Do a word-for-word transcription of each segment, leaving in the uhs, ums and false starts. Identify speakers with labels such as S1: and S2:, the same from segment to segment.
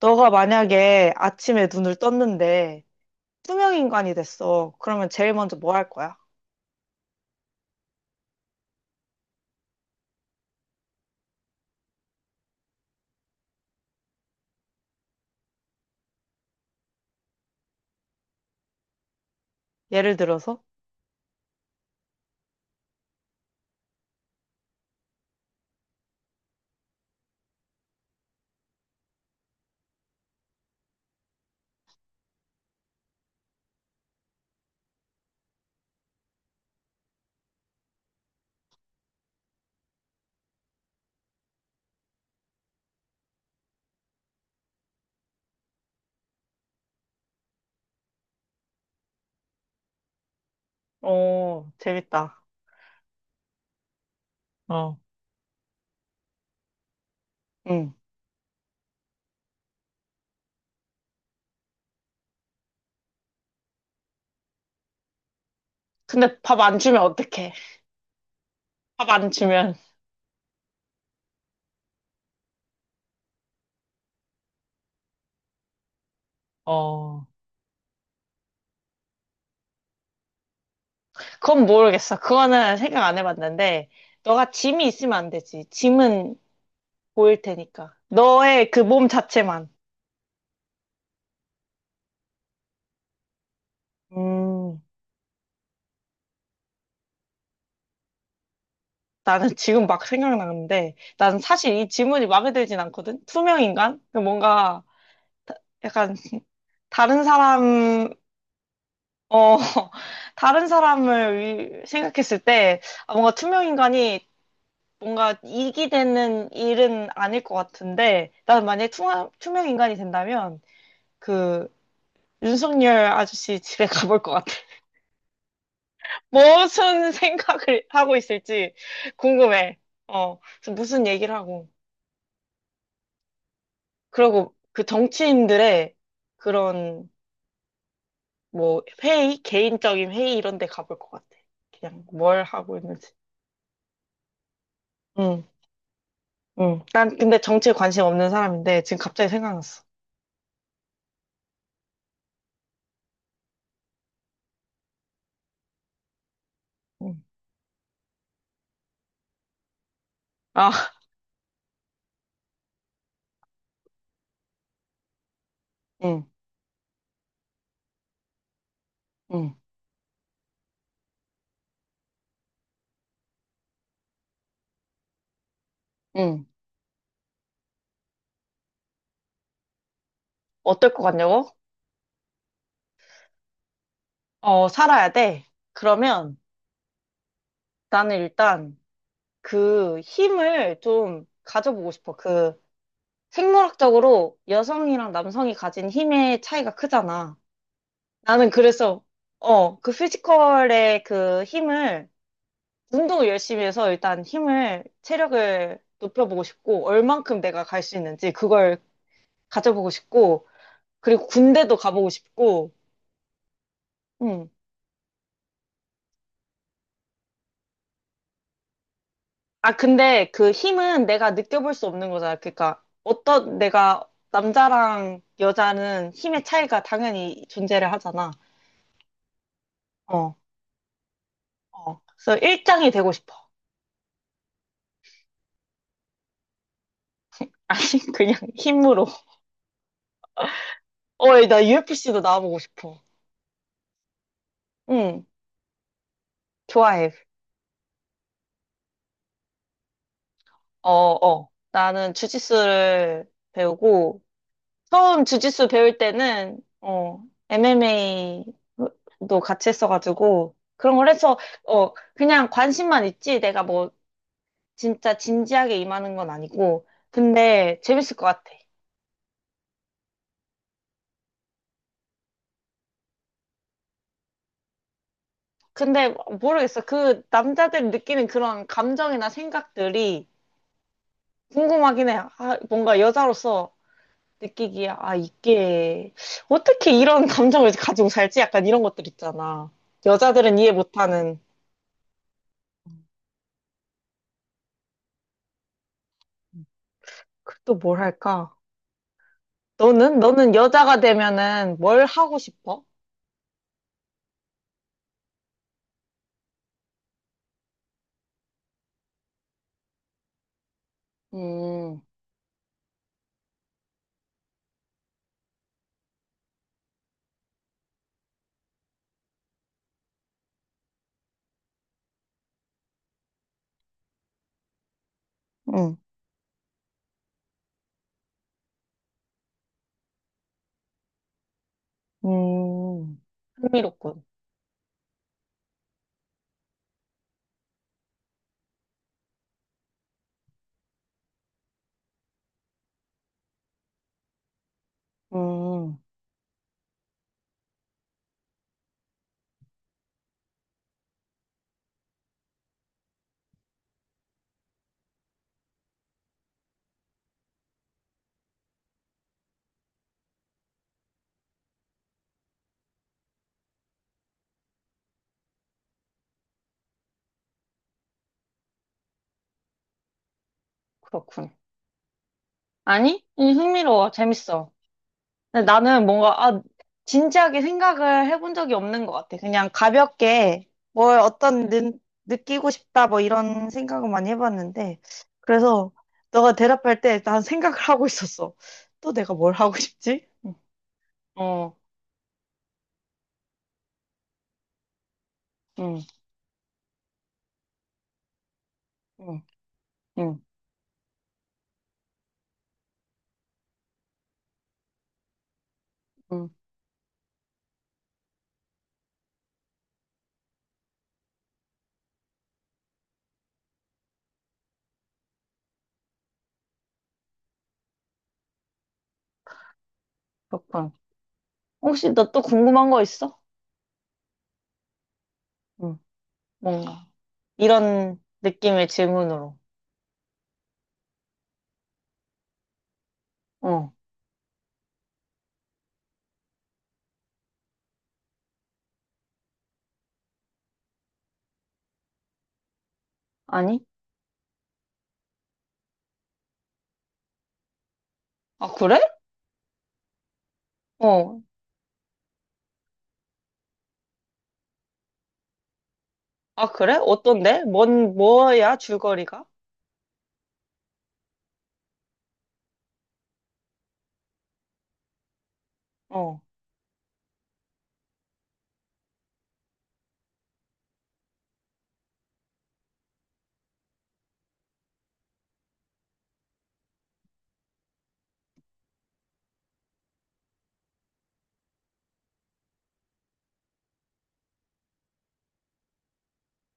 S1: 너가 만약에 아침에 눈을 떴는데 투명인간이 됐어. 그러면 제일 먼저 뭐 할 거야? 예를 들어서? 오, 재밌다. 어, 응. 근데 밥 안 주면 어떡해? 밥 안 주면. 어, 그건 모르겠어. 그거는 생각 안 해봤는데, 너가 짐이 있으면 안 되지. 짐은 보일 테니까. 너의 그 몸 자체만. 음, 나는 지금 막 생각나는데, 난 사실 이 질문이 마음에 들진 않거든? 투명인간? 뭔가 약간 다른 사람, 어, 다른 사람을 위- 생각했을 때 아, 뭔가 투명 인간이 뭔가 이익이 되는 일은 아닐 것 같은데, 난 만약에 투명, 투명 인간이 된다면 그 윤석열 아저씨 집에 가볼 것 같아. 무슨 생각을 하고 있을지 궁금해. 어, 그래서 무슨 얘기를 하고. 그리고 그 정치인들의 그런 뭐 회의, 개인적인 회의 이런 데 가볼 것 같아. 그냥 뭘 하고 있는지. 응, 응. 난 근데 정치에 관심 없는 사람인데 지금 갑자기 생각났어. 응, 아, 응, 응, 응. 어떨 것 같냐고? 어, 살아야 돼. 그러면 나는 일단 그 힘을 좀 가져보고 싶어. 그 생물학적으로 여성이랑 남성이 가진 힘의 차이가 크잖아. 나는 그래서, 어, 그 피지컬의 그 힘을 운동을 열심히 해서 일단 힘을, 체력을 높여보고 싶고, 얼만큼 내가 갈 수 있는지 그걸 가져보고 싶고, 그리고 군대도 가보고 싶고, 음. 아, 근데 그 힘은 내가 느껴볼 수 없는 거잖아. 그러니까 어떤 내가 남자랑 여자는 힘의 차이가 당연히 존재를 하잖아. 어, 어. 그래서 일장이 되고 싶어. 아니, 그냥 힘으로. 어, 나 유에프씨도 나와보고 싶어. 응, 좋아해. 어, 어. 나는 주짓수를 배우고, 처음 주짓수 배울 때는, 어, 엠엠에이도 같이 했어가지고, 그런 걸 해서, 어, 그냥 관심만 있지. 내가 뭐, 진짜 진지하게 임하는 건 아니고. 근데, 재밌을 것 같아. 근데, 모르겠어. 그, 남자들이 느끼는 그런 감정이나 생각들이 궁금하긴 해. 아, 뭔가 여자로서 느끼기에, 아, 이게, 어떻게 이런 감정을 가지고 살지? 약간 이런 것들 있잖아. 여자들은 이해 못하는, 그 또 뭘 할까? 너는? 너는 여자가 되면은 뭘 하고 싶어? 음, 응, 음, 흥미롭군. 음, 그렇군. 아니? 이 흥미로워. 재밌어. 근데 나는 뭔가, 아, 진지하게 생각을 해본 적이 없는 것 같아. 그냥 가볍게 뭘 어떤 느, 느끼고 싶다 뭐 이런 생각을 많이 해봤는데 그래서 너가 대답할 때 난 생각을 하고 있었어. 또 내가 뭘 하고 싶지? 응. 어, 응, 응, 응, 응, 그렇군. 혹시 너 또 궁금한 거 있어? 응, 뭔가. 이런 느낌의 질문으로. 어, 아니? 아, 그래? 어, 아, 그래? 어떤데? 뭔, 뭐야, 줄거리가? 어,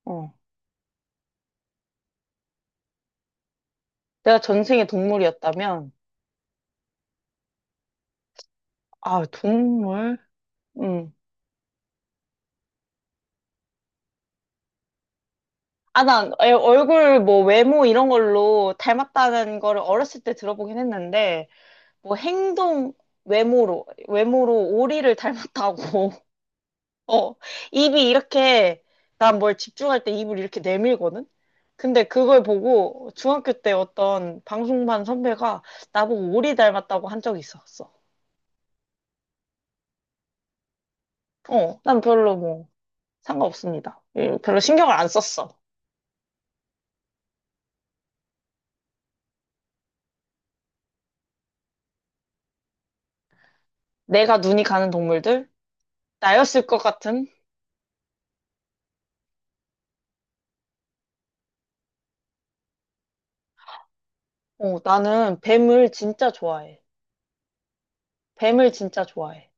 S1: 어. 내가 전생에 동물이었다면, 아, 동물? 응. 아, 난 애- 얼굴, 뭐, 외모 이런 걸로 닮았다는 거를 어렸을 때 들어보긴 했는데, 뭐, 행동, 외모로, 외모로 오리를 닮았다고. 어, 입이 이렇게, 난 뭘 집중할 때 입을 이렇게 내밀거든? 근데 그걸 보고 중학교 때 어떤 방송반 선배가 나보고 오리 닮았다고 한 적이 있었어. 어, 난 별로 뭐 상관없습니다. 예, 별로 신경을 안 썼어. 내가 눈이 가는 동물들? 나였을 것 같은? 어, 나는 뱀을 진짜 좋아해. 뱀을 진짜 좋아해.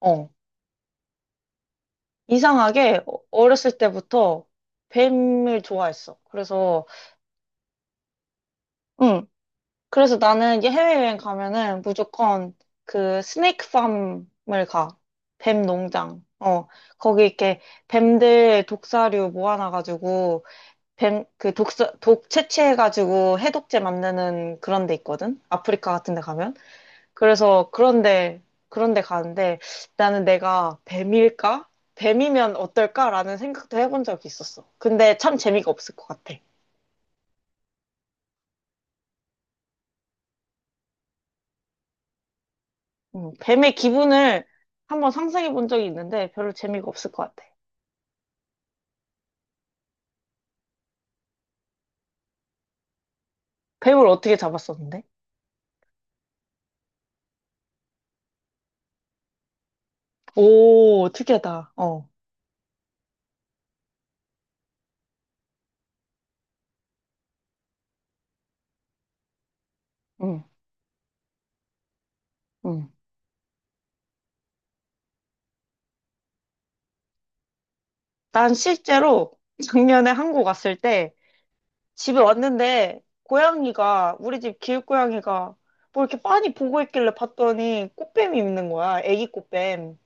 S1: 어, 이상하게 어- 어렸을 때부터 뱀을 좋아했어. 그래서 응, 그래서 나는 이제 해외여행 가면은 무조건 그 스네이크 팜을 가. 뱀 농장. 어, 거기 이렇게 뱀들 독사류 모아놔가지고, 뱀, 그 독사, 독 채취해가지고 해독제 만드는 그런 데 있거든? 아프리카 같은 데 가면? 그래서 그런데, 그런데 가는데 나는 내가 뱀일까? 뱀이면 어떨까라는 생각도 해본 적이 있었어. 근데 참 재미가 없을 것 같아. 음, 뱀의 기분을 한번 상상해 본 적이 있는데 별로 재미가 없을 것 같아. 뱀을 어떻게 잡았었는데? 오, 특이하다. 어. 응, 응. 난 실제로 작년에 한국 왔을 때 집에 왔는데 고양이가 우리 집 길고양이가 뭐 이렇게 빤히 보고 있길래 봤더니 꽃뱀이 있는 거야. 애기 꽃뱀.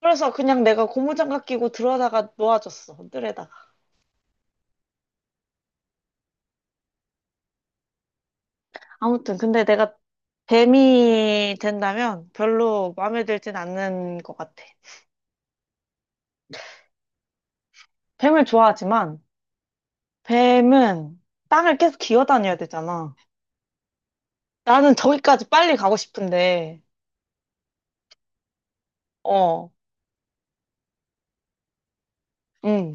S1: 그래서 그냥 내가 고무장갑 끼고 들어다가 놓아줬어. 뜰에다. 아무튼 근데 내가 뱀이 된다면 별로 마음에 들진 않는 것 같아. 뱀을 좋아하지만 뱀은 땅을 계속 기어다녀야 되잖아. 나는 저기까지 빨리 가고 싶은데, 어, 응,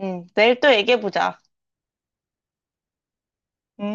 S1: 응. 내일 또 얘기해보자. 응.